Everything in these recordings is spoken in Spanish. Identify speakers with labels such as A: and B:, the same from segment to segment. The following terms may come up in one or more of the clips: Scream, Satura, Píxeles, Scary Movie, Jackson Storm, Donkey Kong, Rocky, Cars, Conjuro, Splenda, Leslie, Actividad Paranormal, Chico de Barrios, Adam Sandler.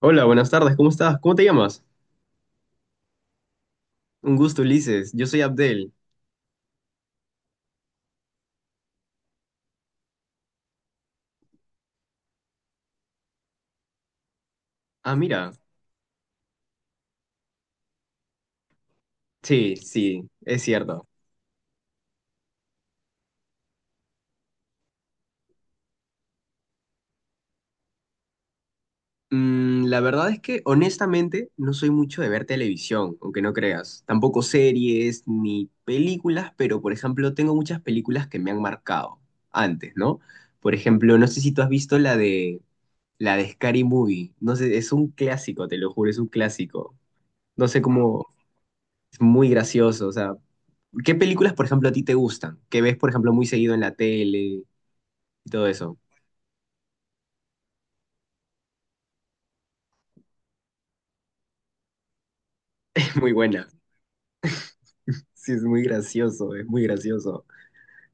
A: Hola, buenas tardes, ¿cómo estás? ¿Cómo te llamas? Un gusto, Ulises. Yo soy Abdel. Ah, mira. Sí, sí, es cierto. La verdad es que honestamente no soy mucho de ver televisión, aunque no creas. Tampoco series ni películas, pero por ejemplo tengo muchas películas que me han marcado antes, ¿no? Por ejemplo, no sé si tú has visto la de Scary Movie. No sé, es un clásico, te lo juro, es un clásico. No sé cómo. Es muy gracioso, o sea, ¿qué películas, por ejemplo, a ti te gustan? Que ves, por ejemplo, muy seguido en la tele y todo eso. Es muy buena. Sí, es muy gracioso, es muy gracioso.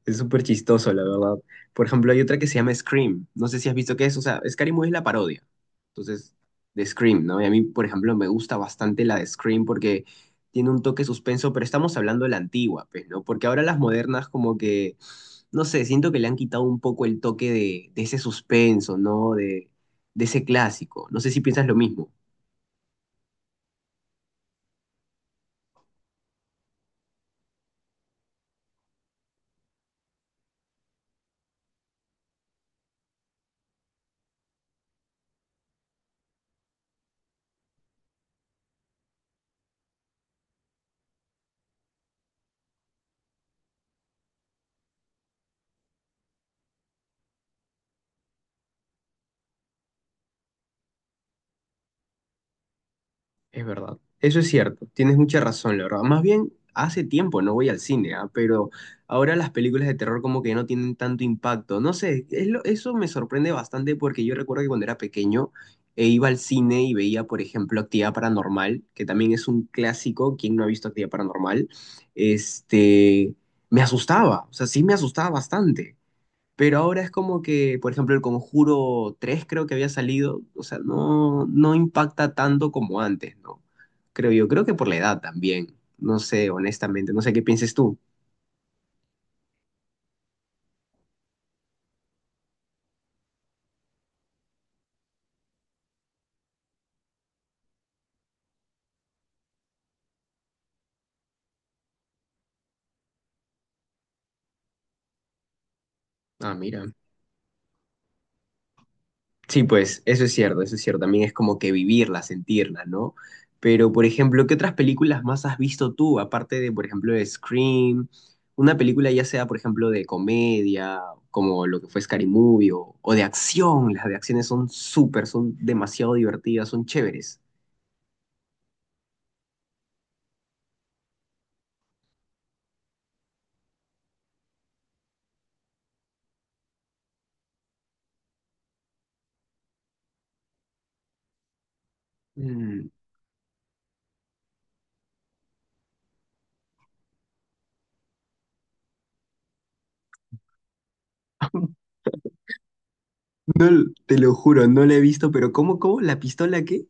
A: Es súper chistoso, la verdad. Por ejemplo, hay otra que se llama Scream. No sé si has visto qué es. O sea, Scary Movie es la parodia. Entonces, de Scream, ¿no? Y a mí, por ejemplo, me gusta bastante la de Scream porque tiene un toque suspenso, pero estamos hablando de la antigua, pues, ¿no? Porque ahora las modernas como que, no sé, siento que le han quitado un poco el toque de ese suspenso, ¿no? De ese clásico. No sé si piensas lo mismo. Es verdad, eso es cierto, tienes mucha razón, la verdad. Más bien, hace tiempo no voy al cine. Ah, pero ahora las películas de terror como que no tienen tanto impacto. No sé, eso me sorprende bastante porque yo recuerdo que cuando era pequeño iba al cine y veía, por ejemplo, Actividad Paranormal, que también es un clásico. ¿Quién no ha visto Actividad Paranormal? Este, me asustaba, o sea, sí me asustaba bastante. Pero ahora es como que, por ejemplo, el Conjuro 3 creo que había salido, o sea, no, no impacta tanto como antes, ¿no? Creo yo, creo que por la edad también, no sé, honestamente, no sé qué pienses tú. Ah, mira. Sí, pues eso es cierto, eso es cierto. También es como que vivirla, sentirla, ¿no? Pero, por ejemplo, ¿qué otras películas más has visto tú, aparte de, por ejemplo, de Scream? Una película ya sea, por ejemplo, de comedia, como lo que fue Scary Movie, o de acción. Las de acciones son súper, son demasiado divertidas, son chéveres. Mm. No, te lo juro, no la he visto, pero ¿cómo, cómo? ¿La pistola qué?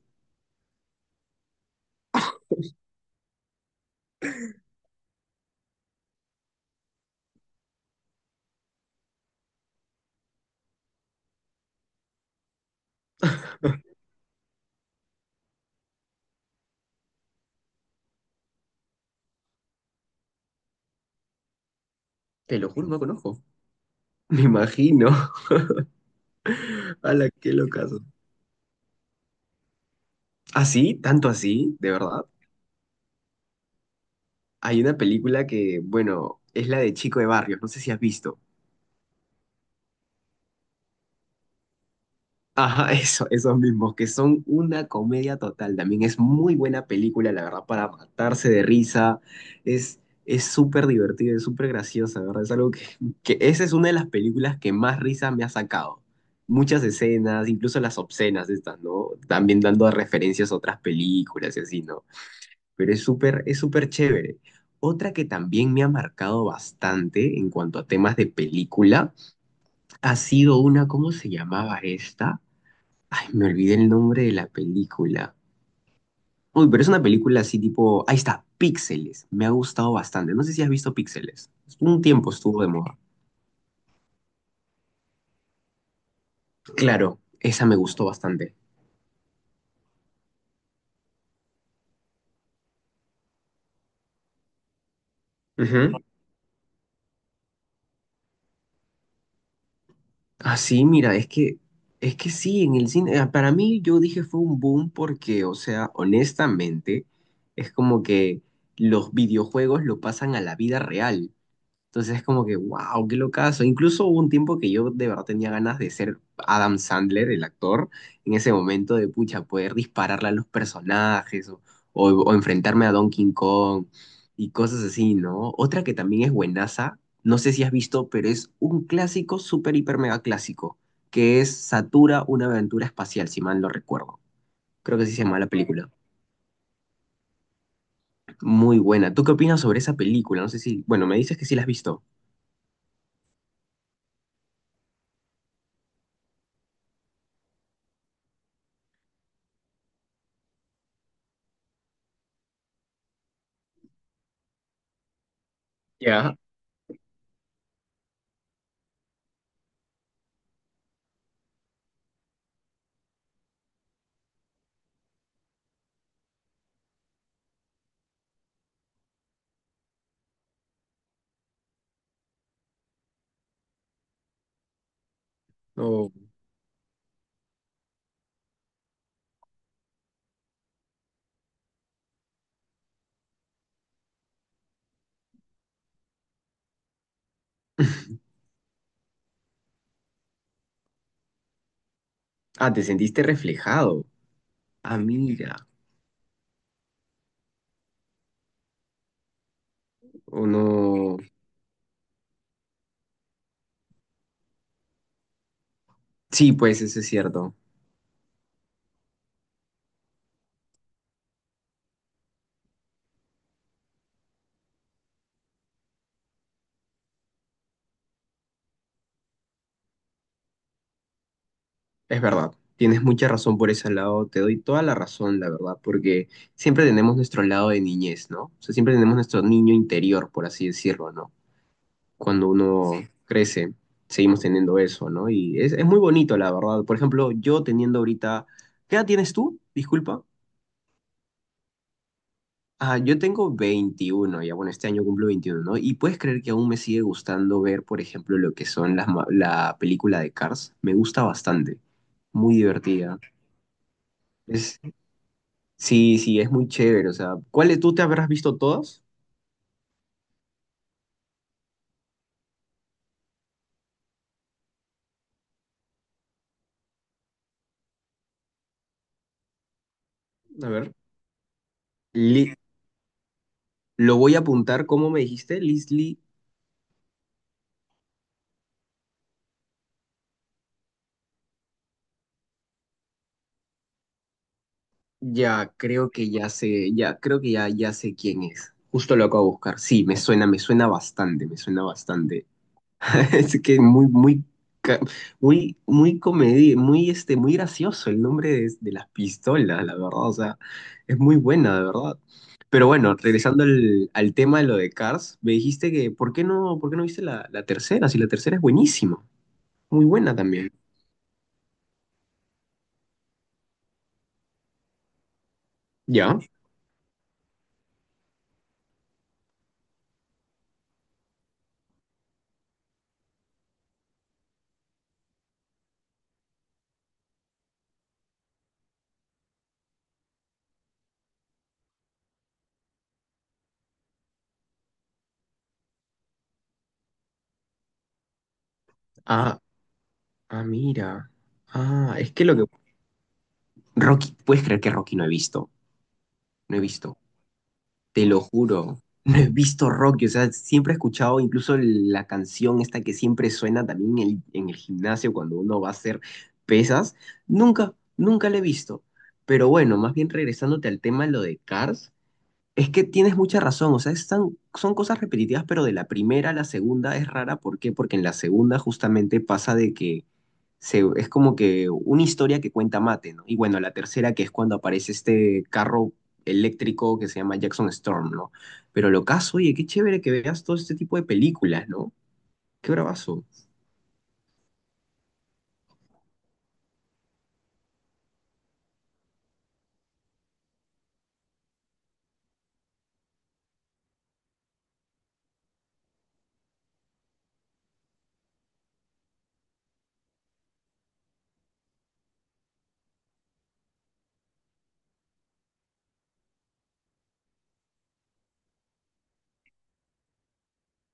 A: Te lo juro, no conozco. Me imagino. La qué locazo. ¿Ah, sí? ¿Tanto así? ¿De verdad? Hay una película que, bueno, es la de Chico de Barrios, no sé si has visto. Ajá, eso, esos mismos, que son una comedia total. También es muy buena película, la verdad, para matarse de risa. Es, es súper divertida, es súper graciosa, ¿verdad? Es algo que, esa es una de las películas que más risa me ha sacado. Muchas escenas, incluso las obscenas estas, ¿no? También dando referencias a otras películas y así, ¿no? Pero es súper chévere. Otra que también me ha marcado bastante en cuanto a temas de película ha sido una. ¿Cómo se llamaba esta? Ay, me olvidé el nombre de la película. Uy, pero es una película así tipo, ahí está, Píxeles. Me ha gustado bastante. No sé si has visto Píxeles. Un tiempo estuvo de moda. Claro, esa me gustó bastante. Ujú. Así, mira, es que sí, en el cine, para mí yo dije fue un boom porque, o sea, honestamente, es como que los videojuegos lo pasan a la vida real. Entonces es como que, wow, qué locazo. Incluso hubo un tiempo que yo de verdad tenía ganas de ser Adam Sandler, el actor, en ese momento de pucha, poder dispararle a los personajes o enfrentarme a Donkey Kong y cosas así, ¿no? Otra que también es buenaza, no sé si has visto, pero es un clásico, súper, hiper, mega clásico, que es Satura, una aventura espacial, si mal no recuerdo. Creo que así se llama la película. Muy buena. ¿Tú qué opinas sobre esa película? No sé si, bueno, me dices que sí la has visto. Ya, no. Ah, te sentiste reflejado. Ah, mira. O no. Sí, pues eso es cierto. Es verdad. Tienes mucha razón por ese lado. Te doy toda la razón, la verdad, porque siempre tenemos nuestro lado de niñez, ¿no? O sea, siempre tenemos nuestro niño interior, por así decirlo, ¿no? Cuando uno, sí, crece, seguimos teniendo eso, ¿no? Y es muy bonito, la verdad. Por ejemplo, yo teniendo ahorita. ¿Qué edad tienes tú? Disculpa. Ah, yo tengo 21. Ya bueno, este año cumplo 21, ¿no? Y puedes creer que aún me sigue gustando ver, por ejemplo, lo que son la película de Cars. Me gusta bastante, muy divertida. Es, sí, sí, es muy chévere. O sea, ¿cuáles tú te habrás visto todas? A ver, Li- lo voy a apuntar, ¿cómo me dijiste? Leslie, ya creo que ya sé, ya creo que ya sé quién es. Justo lo acabo de buscar. Sí, me suena bastante, me suena bastante. Es que muy, muy, ca- muy, muy muy, muy gracioso el nombre de las pistolas, la verdad. O sea, es muy buena, de verdad. Pero bueno, regresando al tema de lo de Cars, me dijiste que, ¿por qué no viste la tercera? Si la tercera es buenísima, muy buena también. ¿Ya? Ah, ah, mira. Ah, es que lo que. Rocky, ¿puedes creer que Rocky no he visto? No he visto. Te lo juro. No he visto Rocky, o sea, siempre he escuchado incluso la canción esta que siempre suena también en el gimnasio cuando uno va a hacer pesas. Nunca, nunca la he visto. Pero bueno, más bien regresándote al tema, lo de Cars, es que tienes mucha razón, o sea, están, son cosas repetitivas, pero de la primera a la segunda es rara. ¿Por qué? Porque en la segunda justamente pasa de que es como que una historia que cuenta Mate, ¿no? Y bueno, la tercera que es cuando aparece este carro eléctrico que se llama Jackson Storm, ¿no? Pero lo caso, oye, qué chévere que veas todo este tipo de películas, ¿no? Qué bravazo.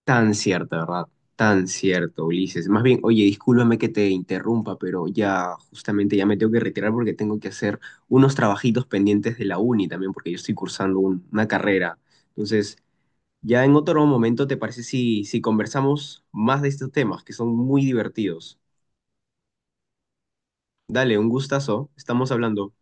A: Tan cierto, ¿verdad? Tan cierto, Ulises. Más bien, oye, discúlpame que te interrumpa, pero ya justamente ya me tengo que retirar porque tengo que hacer unos trabajitos pendientes de la uni también, porque yo estoy cursando una carrera. Entonces, ya en otro momento, ¿te parece si conversamos más de estos temas que son muy divertidos? Dale, un gustazo. Estamos hablando.